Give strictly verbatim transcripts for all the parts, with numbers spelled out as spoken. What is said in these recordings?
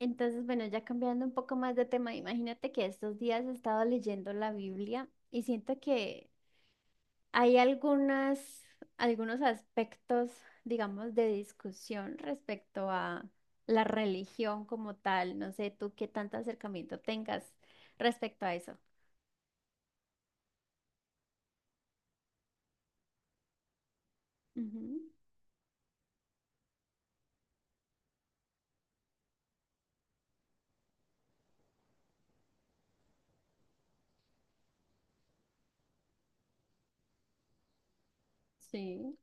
Entonces, bueno, ya cambiando un poco más de tema, imagínate que estos días he estado leyendo la Biblia y siento que hay algunas, algunos aspectos, digamos, de discusión respecto a la religión como tal. No sé tú qué tanto acercamiento tengas respecto a eso. Ujú. Sí.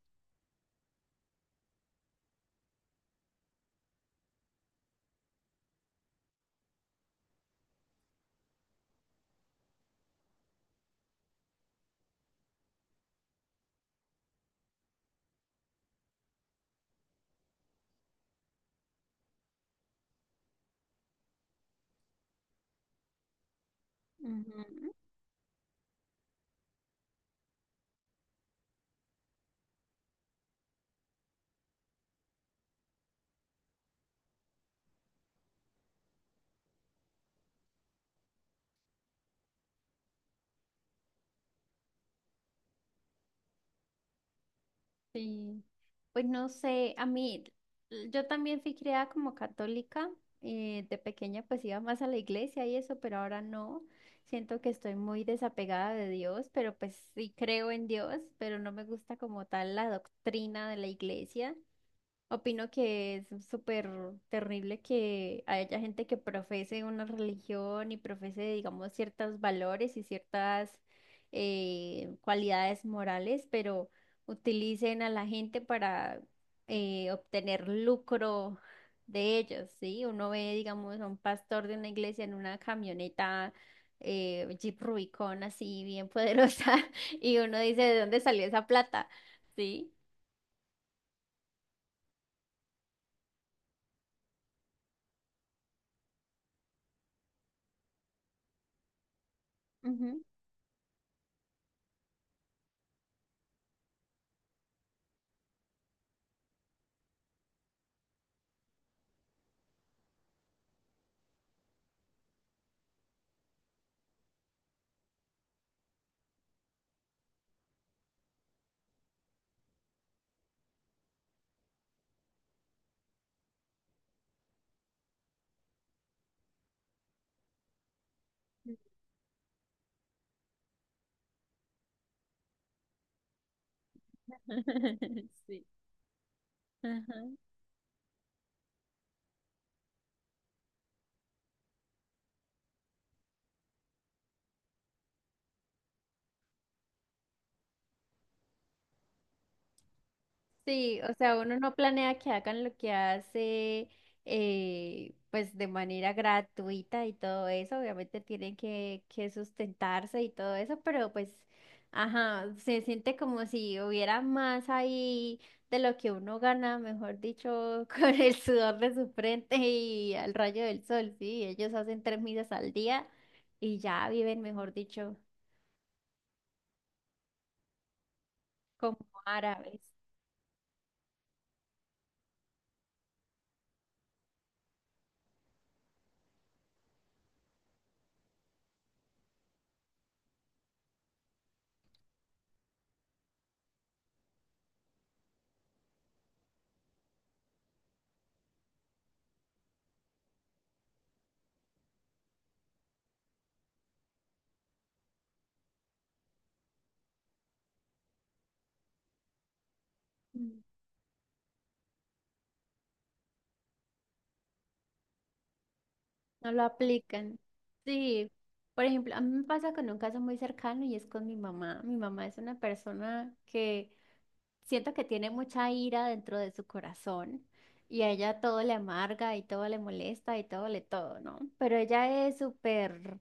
Ujú. Sí, pues no sé, a mí, l- yo también fui criada como católica. Eh, de pequeña pues iba más a la iglesia y eso, pero ahora no, siento que estoy muy desapegada de Dios, pero pues sí creo en Dios, pero no me gusta como tal la doctrina de la iglesia. Opino que es súper terrible que haya gente que profese una religión y profese, digamos, ciertos valores y ciertas eh, cualidades morales, pero utilicen a la gente para eh, obtener lucro de ellos, ¿sí? Uno ve, digamos, a un pastor de una iglesia en una camioneta eh, Jeep Rubicon así bien poderosa y uno dice, ¿de dónde salió esa plata? ¿Sí? Ujú. Sí. Ajá. Sí, o sea, uno no planea que hagan lo que hace, eh, pues de manera gratuita y todo eso, obviamente tienen que, que sustentarse y todo eso, pero pues, ajá, se siente como si hubiera más ahí de lo que uno gana, mejor dicho, con el sudor de su frente y al rayo del sol. Sí, ellos hacen tres misas al día y ya viven, mejor dicho, como árabes. No lo aplican. Sí, por ejemplo, a mí me pasa con un caso muy cercano y es con mi mamá. Mi mamá es una persona que siento que tiene mucha ira dentro de su corazón y a ella todo le amarga y todo le molesta y todo le todo, ¿no? Pero ella es súper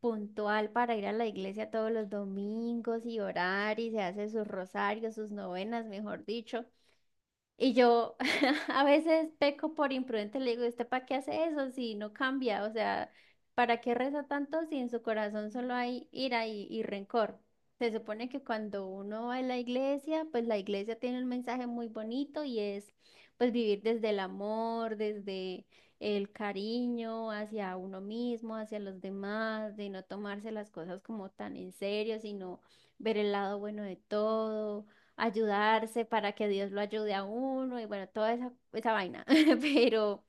puntual para ir a la iglesia todos los domingos y orar y se hace sus rosarios, sus novenas, mejor dicho. Y yo a veces peco por imprudente, le digo, ¿usted para qué hace eso si no cambia? O sea, ¿para qué reza tanto si en su corazón solo hay ira y, y rencor? Se supone que cuando uno va a la iglesia, pues la iglesia tiene un mensaje muy bonito y es pues vivir desde el amor, desde el cariño hacia uno mismo, hacia los demás, de no tomarse las cosas como tan en serio, sino ver el lado bueno de todo, ayudarse para que Dios lo ayude a uno y bueno, toda esa, esa vaina. Pero,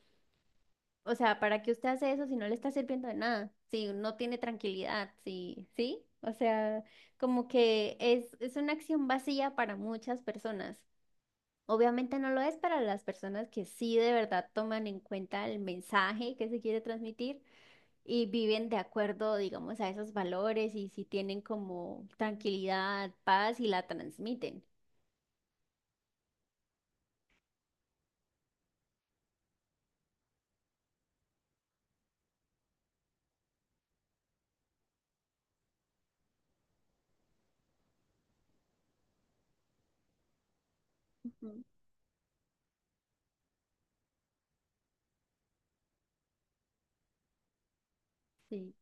o sea, ¿para qué usted hace eso si no le está sirviendo de nada? Si no tiene tranquilidad, sí, sí. O sea, como que es, es una acción vacía para muchas personas. Obviamente no lo es para las personas que sí de verdad toman en cuenta el mensaje que se quiere transmitir y viven de acuerdo, digamos, a esos valores y si tienen como tranquilidad, paz y la transmiten. Ujú. Sí.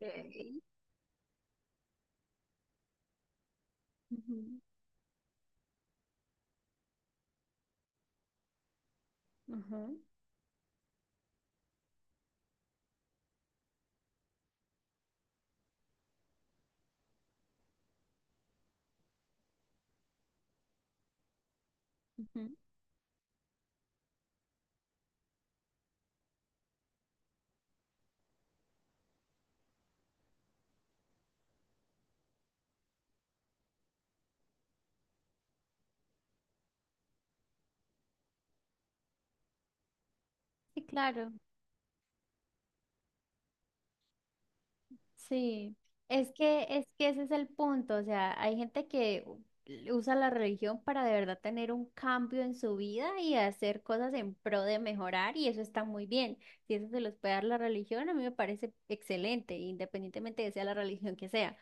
Ok. Ujú, ujú, ujú. Sí, claro, sí. Es que, es que ese es el punto, o sea, hay gente que u- usa la religión para de verdad tener un cambio en su vida y hacer cosas en pro de mejorar y eso está muy bien. Si eso se los puede dar la religión, a mí me parece excelente, independientemente de sea la religión que sea.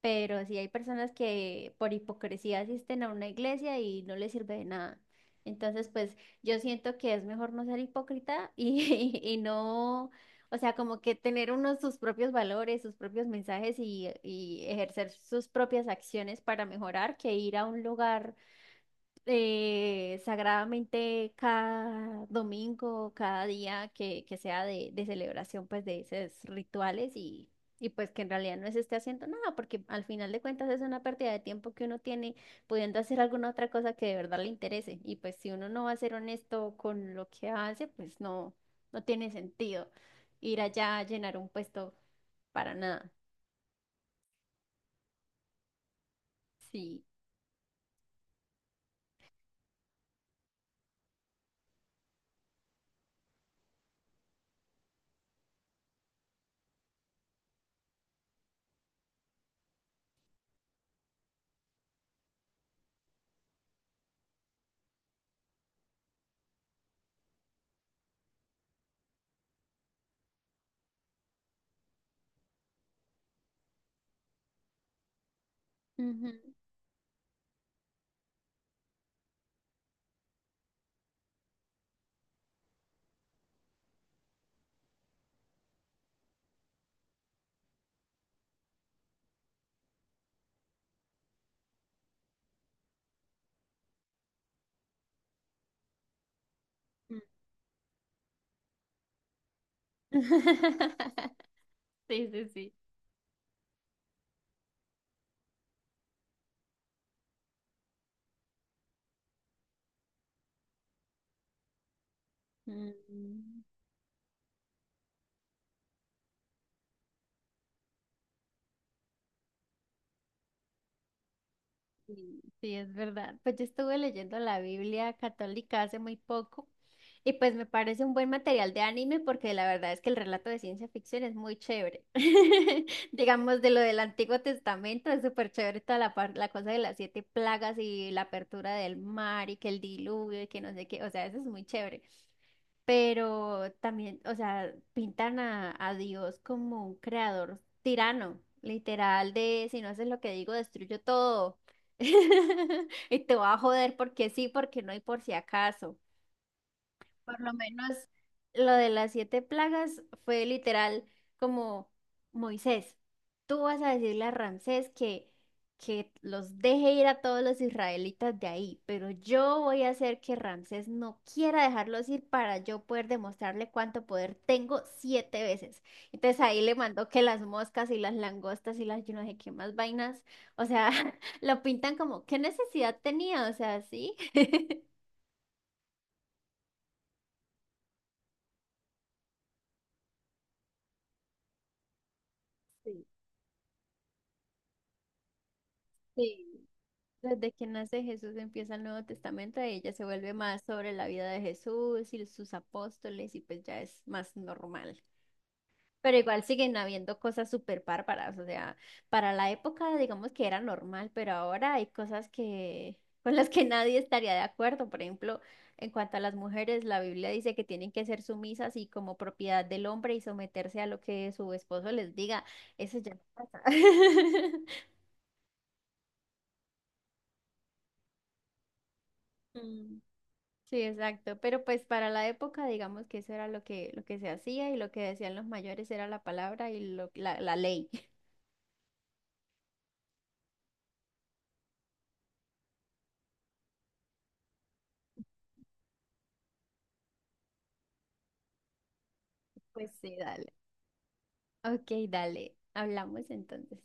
Pero sí hay personas que por hipocresía asisten a una iglesia y no les sirve de nada. Entonces, pues yo siento que es mejor no ser hipócrita y, y no, o sea, como que tener unos sus propios valores, sus propios mensajes y, y ejercer sus propias acciones para mejorar que ir a un lugar eh, sagradamente cada domingo, cada día que, que sea de, de celebración, pues de esos rituales y, y pues que en realidad no se esté haciendo nada, porque al final de cuentas es una pérdida de tiempo que uno tiene pudiendo hacer alguna otra cosa que de verdad le interese. Y pues si uno no va a ser honesto con lo que hace, pues no, no tiene sentido ir allá a llenar un puesto para nada. Sí. Ujú. Mm. Sí, sí, sí. Mm. Sí, sí, es verdad. Pues yo estuve leyendo la Biblia católica hace muy poco y pues me parece un buen material de anime porque la verdad es que el relato de ciencia ficción es muy chévere. Digamos, de lo del Antiguo Testamento es súper chévere toda la, par- la cosa de las siete plagas y la apertura del mar y que el diluvio y que no sé qué, o sea, eso es muy chévere, pero también, o sea, pintan a, a Dios como un creador tirano, literal de si no haces lo que digo, destruyo todo. Y te va a joder porque sí, porque no y por si acaso. Por lo menos lo de las siete plagas fue literal como Moisés, tú vas a decirle a Ramsés que, que los deje ir a todos los israelitas de ahí, pero yo voy a hacer que Ramsés no quiera dejarlos ir para yo poder demostrarle cuánto poder tengo siete veces. Entonces ahí le mandó que las moscas y las langostas y las yo no sé qué más vainas, o sea, lo pintan como, ¿qué necesidad tenía? O sea, sí. Sí. Sí. Desde que nace Jesús empieza el Nuevo Testamento, y ya se vuelve más sobre la vida de Jesús y sus apóstoles y pues ya es más normal. Pero igual siguen habiendo cosas súper bárbaras, o sea, para la época digamos que era normal, pero ahora hay cosas que con las que nadie estaría de acuerdo. Por ejemplo, en cuanto a las mujeres, la Biblia dice que tienen que ser sumisas y como propiedad del hombre y someterse a lo que su esposo les diga. Eso ya no pasa. Mm. Sí, exacto. Pero pues para la época, digamos que eso era lo que, lo que se hacía y lo que decían los mayores era la palabra y lo, la, la ley. Pues sí, dale. Ok, dale. Hablamos entonces.